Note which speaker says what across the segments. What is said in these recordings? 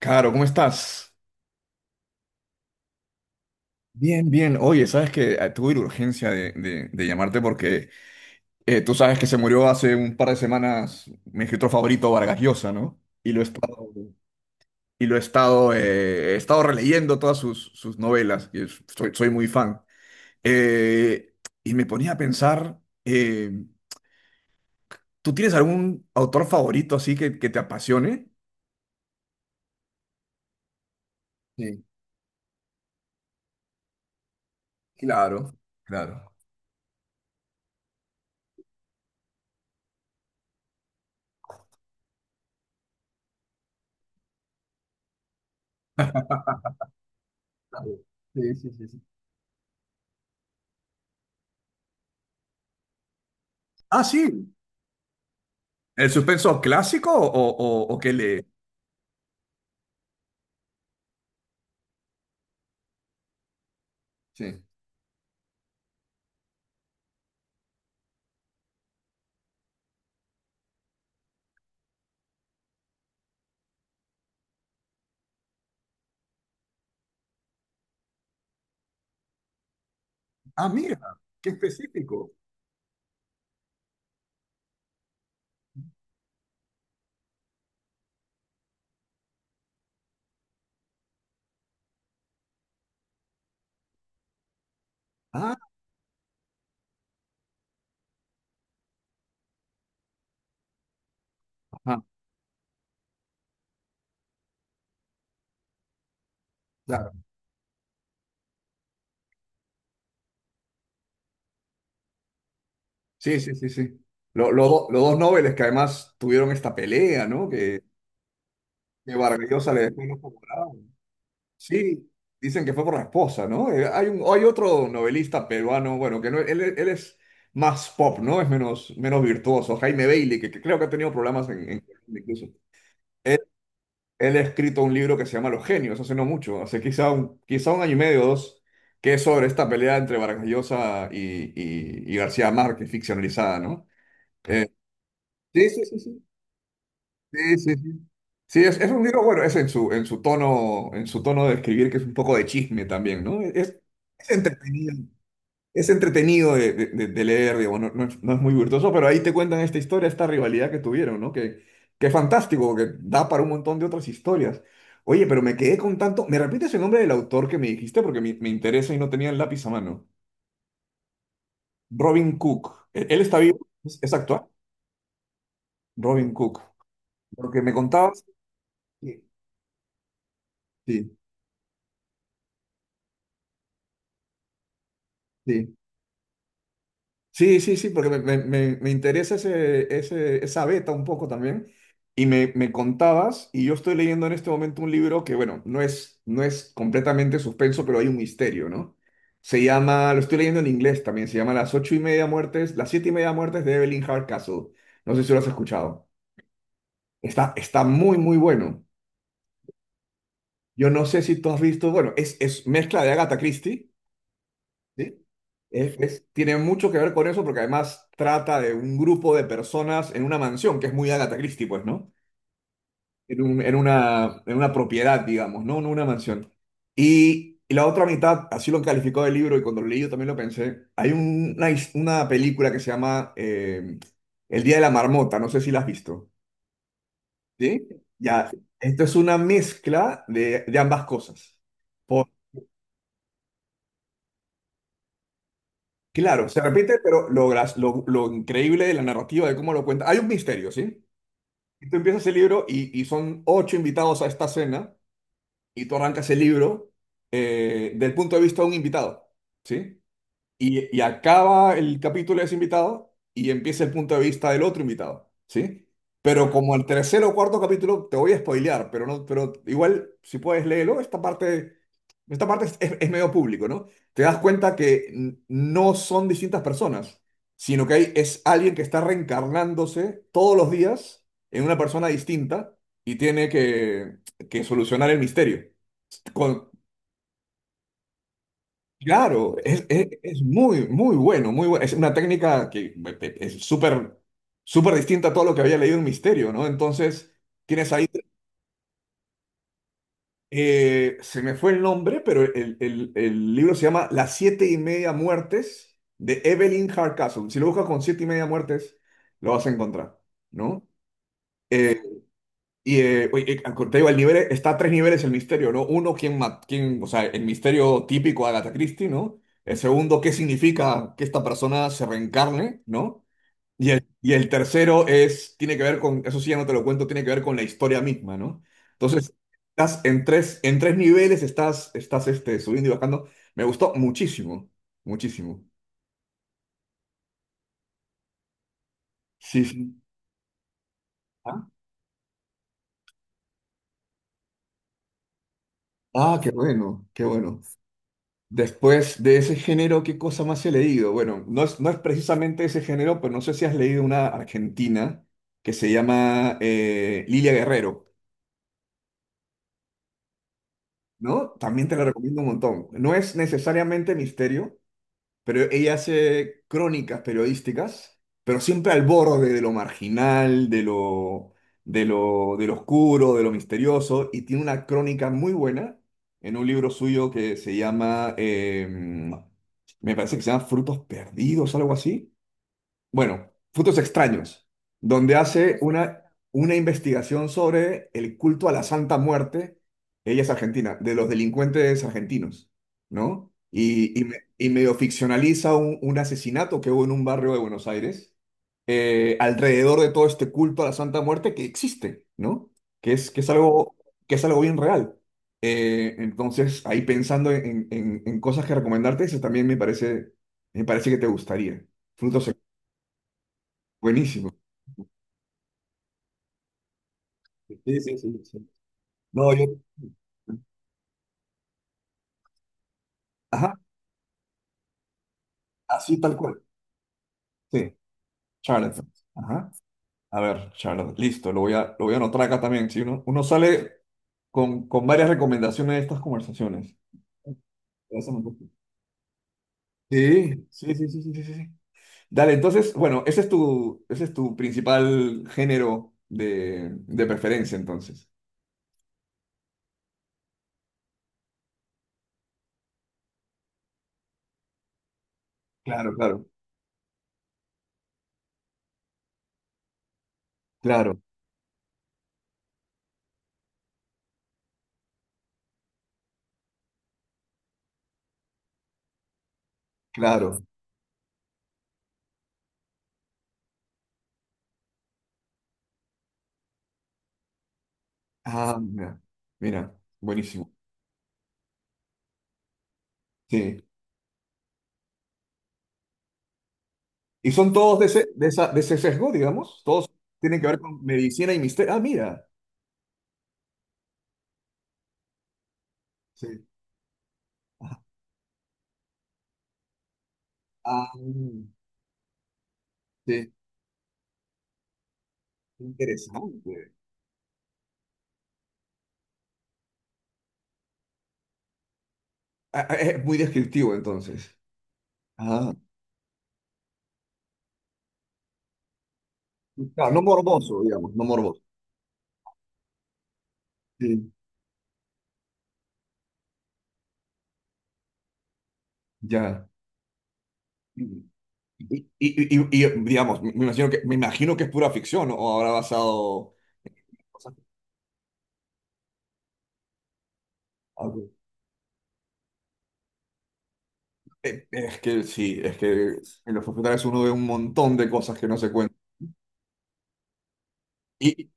Speaker 1: Caro, ¿cómo estás? Bien, bien. Oye, sabes que tuve la urgencia de, de llamarte porque tú sabes que se murió hace un par de semanas mi escritor favorito, Vargas Llosa, ¿no? Y lo he estado releyendo todas sus, sus novelas, y soy, soy muy fan. Eh, y me ponía a pensar, ¿tú tienes algún autor favorito así que te apasione? Sí, claro, claro. Claro. Sí, sí, sí, sí. Ah, sí. ¿El suspenso clásico o qué le...? Sí. Ah, mira, qué específico. Ah, ajá, claro. Sí, sí, sí, sí. Los dos Nobeles que además tuvieron esta pelea, ¿no? Que Vargas Llosa le dejó el ojo morado. Sí, dicen que fue por la esposa, ¿no? Hay otro novelista peruano, bueno, que no, él es más pop, ¿no? Es menos, menos virtuoso, Jaime Bailey, que creo que ha tenido problemas en Colombia incluso. Él ha escrito un libro que se llama Los Genios, hace no mucho, hace quizá un año y medio o dos, que es sobre esta pelea entre Vargas Llosa y, y García Márquez, ficcionalizada, ¿no? Eh, sí, sí, sí, sí. Sí, sí, sí. Sí, es un libro, bueno, es en su tono de escribir, que es un poco de chisme también, ¿no? Es entretenido, es entretenido de, de leer, digo, no, no es, no es muy virtuoso, pero ahí te cuentan esta historia, esta rivalidad que tuvieron, ¿no? Que es fantástico, que da para un montón de otras historias. Oye, pero me quedé con tanto. ¿Me repites el nombre del autor que me dijiste? Porque me interesa y no tenía el lápiz a mano. Robin Cook. ¿Él está vivo? Es actual? Robin Cook. Porque me contabas. Sí, sí. Sí. Sí, sí, sí, porque me, me interesa ese, esa beta un poco también. Y me contabas, y yo estoy leyendo en este momento un libro que, bueno, no es, no es completamente suspenso, pero hay un misterio, ¿no? Se llama, lo estoy leyendo en inglés también, se llama Las siete y media muertes de Evelyn Hardcastle. No sé si lo has escuchado. Está, está muy, muy bueno. Yo no sé si tú has visto, bueno, es mezcla de Agatha Christie. Sí. Tiene mucho que ver con eso porque además trata de un grupo de personas en una mansión, que es muy Agatha Christie, pues, ¿no? En en una propiedad, digamos, ¿no? En una mansión. Y la otra mitad, así lo calificó del libro y cuando lo leí yo también lo pensé, hay una película que se llama El Día de la Marmota, no sé si la has visto, ¿sí? Ya, esto es una mezcla de ambas cosas. Claro, se repite, pero lo increíble de la narrativa, de cómo lo cuenta. Hay un misterio, ¿sí? Y tú empiezas el libro y son ocho invitados a esta cena y tú arrancas el libro del punto de vista de un invitado, ¿sí? Y acaba el capítulo de ese invitado y empieza el punto de vista del otro invitado, ¿sí? Pero como el tercer o cuarto capítulo, te voy a spoilear, pero, no, pero igual, si puedes léelo, esta parte es, es medio público, ¿no? Te das cuenta que no son distintas personas, sino que hay, es alguien que está reencarnándose todos los días en una persona distinta y tiene que solucionar el misterio. Claro, es, es muy, muy bueno, muy bueno. Es una técnica que es súper, súper distinta a todo lo que había leído en Misterio, ¿no? Entonces, tienes ahí, se me fue el nombre, pero el, el libro se llama Las siete y media muertes de Evelyn Hardcastle. Si lo buscas con siete y media muertes, lo vas a encontrar, ¿no? Eh, Y oye, te digo, el nivel está a tres niveles el misterio, ¿no? Uno, ¿quién, quién, o sea, el misterio típico de Agatha Christie, ¿no? El segundo, ¿qué significa que esta persona se reencarne?, ¿no? Y el tercero es, tiene que ver con, eso sí ya no te lo cuento, tiene que ver con la historia misma, ¿no? Entonces, estás en tres niveles, estás, estás este, subiendo y bajando. Me gustó muchísimo, muchísimo. Sí, sí. Ah, ah, qué bueno, qué bueno. Después de ese género, ¿qué cosa más he leído? Bueno, no es, no es precisamente ese género, pero no sé si has leído una argentina que se llama Lilia Guerrero, ¿no? También te la recomiendo un montón. No es necesariamente misterio, pero ella hace crónicas periodísticas, pero siempre al borde de lo marginal, de lo, de lo, de lo oscuro, de lo misterioso, y tiene una crónica muy buena en un libro suyo que se llama, me parece que se llama Frutos Perdidos, algo así, bueno, Frutos Extraños, donde hace una investigación sobre el culto a la Santa Muerte, ella es argentina, de los delincuentes argentinos, ¿no? Y, y medio ficcionaliza un asesinato que hubo en un barrio de Buenos Aires, alrededor de todo este culto a la Santa Muerte que existe, ¿no? Que es, que es algo, que es algo bien real. Entonces, ahí pensando en, en cosas que recomendarte, eso también me parece que te gustaría. Frutos. Buenísimo. Sí, sí, sí, sí. No, yo. Ajá, así tal cual. Sí, Charlotte. Ajá. A ver, Charlotte, listo, lo voy a anotar acá también. Si uno, uno sale con varias recomendaciones de estas conversaciones. Eso me gusta. Sí, sí, sí, sí, sí, sí, sí, sí. Dale, entonces, bueno, ese es tu principal género de preferencia, entonces. Claro, claro, claro, claro. Ah, mira, mira, buenísimo. Sí. Y son todos de ese, de esa, de ese sesgo, digamos. Todos tienen que ver con medicina y misterio. Ah, mira. Sí. Ah, ah, sí. Interesante. Ah, ah, es muy descriptivo, entonces. Ah, claro, no morboso, digamos, no morboso. Sí. Ya. Y, y, y, digamos, me imagino que es pura ficción, ¿no? O habrá basado. Cosas. Algo. Es que sí, es que en los hospitales uno ve un montón de cosas que no se cuentan. Y,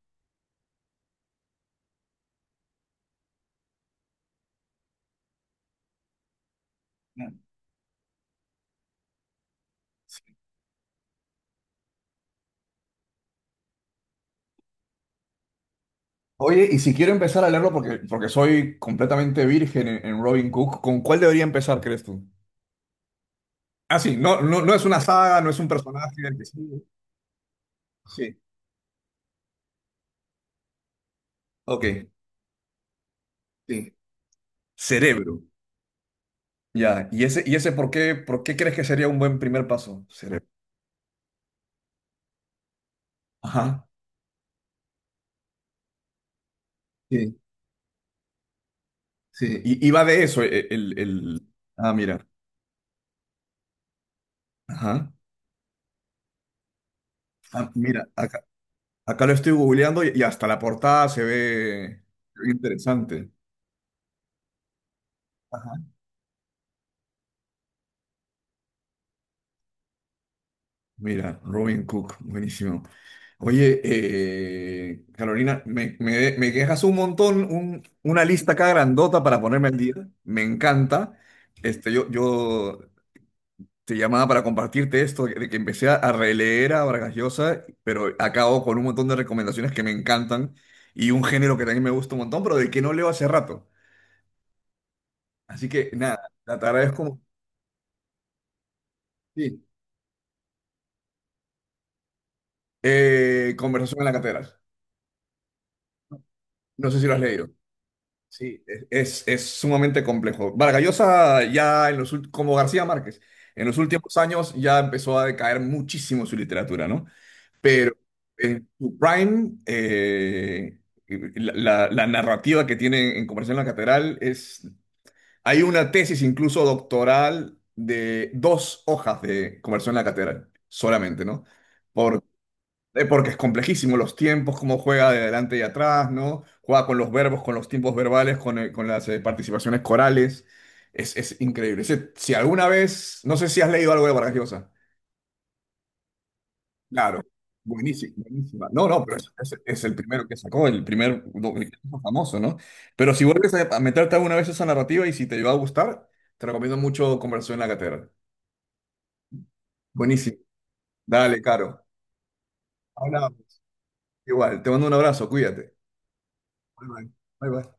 Speaker 1: oye, y si quiero empezar a leerlo porque, porque soy completamente virgen en Robin Cook, ¿con cuál debería empezar, crees tú? Ah, sí, no, no, no es una saga, no es un personaje del que. Sí, sí. Ok, sí. Cerebro. Ya, y ese por qué crees que sería un buen primer paso? Cerebro. Ajá. Sí, sí. Y va de eso, el... Ah, mira. Ajá. Ah, mira, acá, acá lo estoy googleando y hasta la portada se ve, se ve interesante. Mira, Robin Cook, buenísimo. Oye, Carolina, me dejas un montón, una lista acá grandota para ponerme al día. Me encanta. Este, yo te llamaba para compartirte esto, de que empecé a releer a Vargas Llosa, pero acabo con un montón de recomendaciones que me encantan y un género que también me gusta un montón, pero del que no leo hace rato. Así que nada, te agradezco. Sí. Conversación en la catedral. No sé si lo has leído. Sí, es sumamente complejo. Vargallosa ya en los como García Márquez, en los últimos años ya empezó a decaer muchísimo su literatura, ¿no? Pero en su prime, la, la narrativa que tiene en Conversación en la Catedral es... Hay una tesis incluso doctoral de dos hojas de Conversación en la Catedral, solamente, ¿no? Porque es complejísimo los tiempos, cómo juega de adelante y atrás, ¿no? Juega con los verbos, con los tiempos verbales, con las participaciones corales. Es increíble. Ese, si alguna vez, no sé si has leído algo de Vargas Llosa. Claro, buenísimo, buenísima. No, no, pero es, es el primero que sacó, el el famoso, ¿no? Pero si vuelves a meterte alguna vez a esa narrativa y si te va a gustar, te recomiendo mucho Conversación en la Catedral. Buenísimo. Dale, Caro. Hablamos. Igual, te mando un abrazo, cuídate. Bye bye. Bye bye.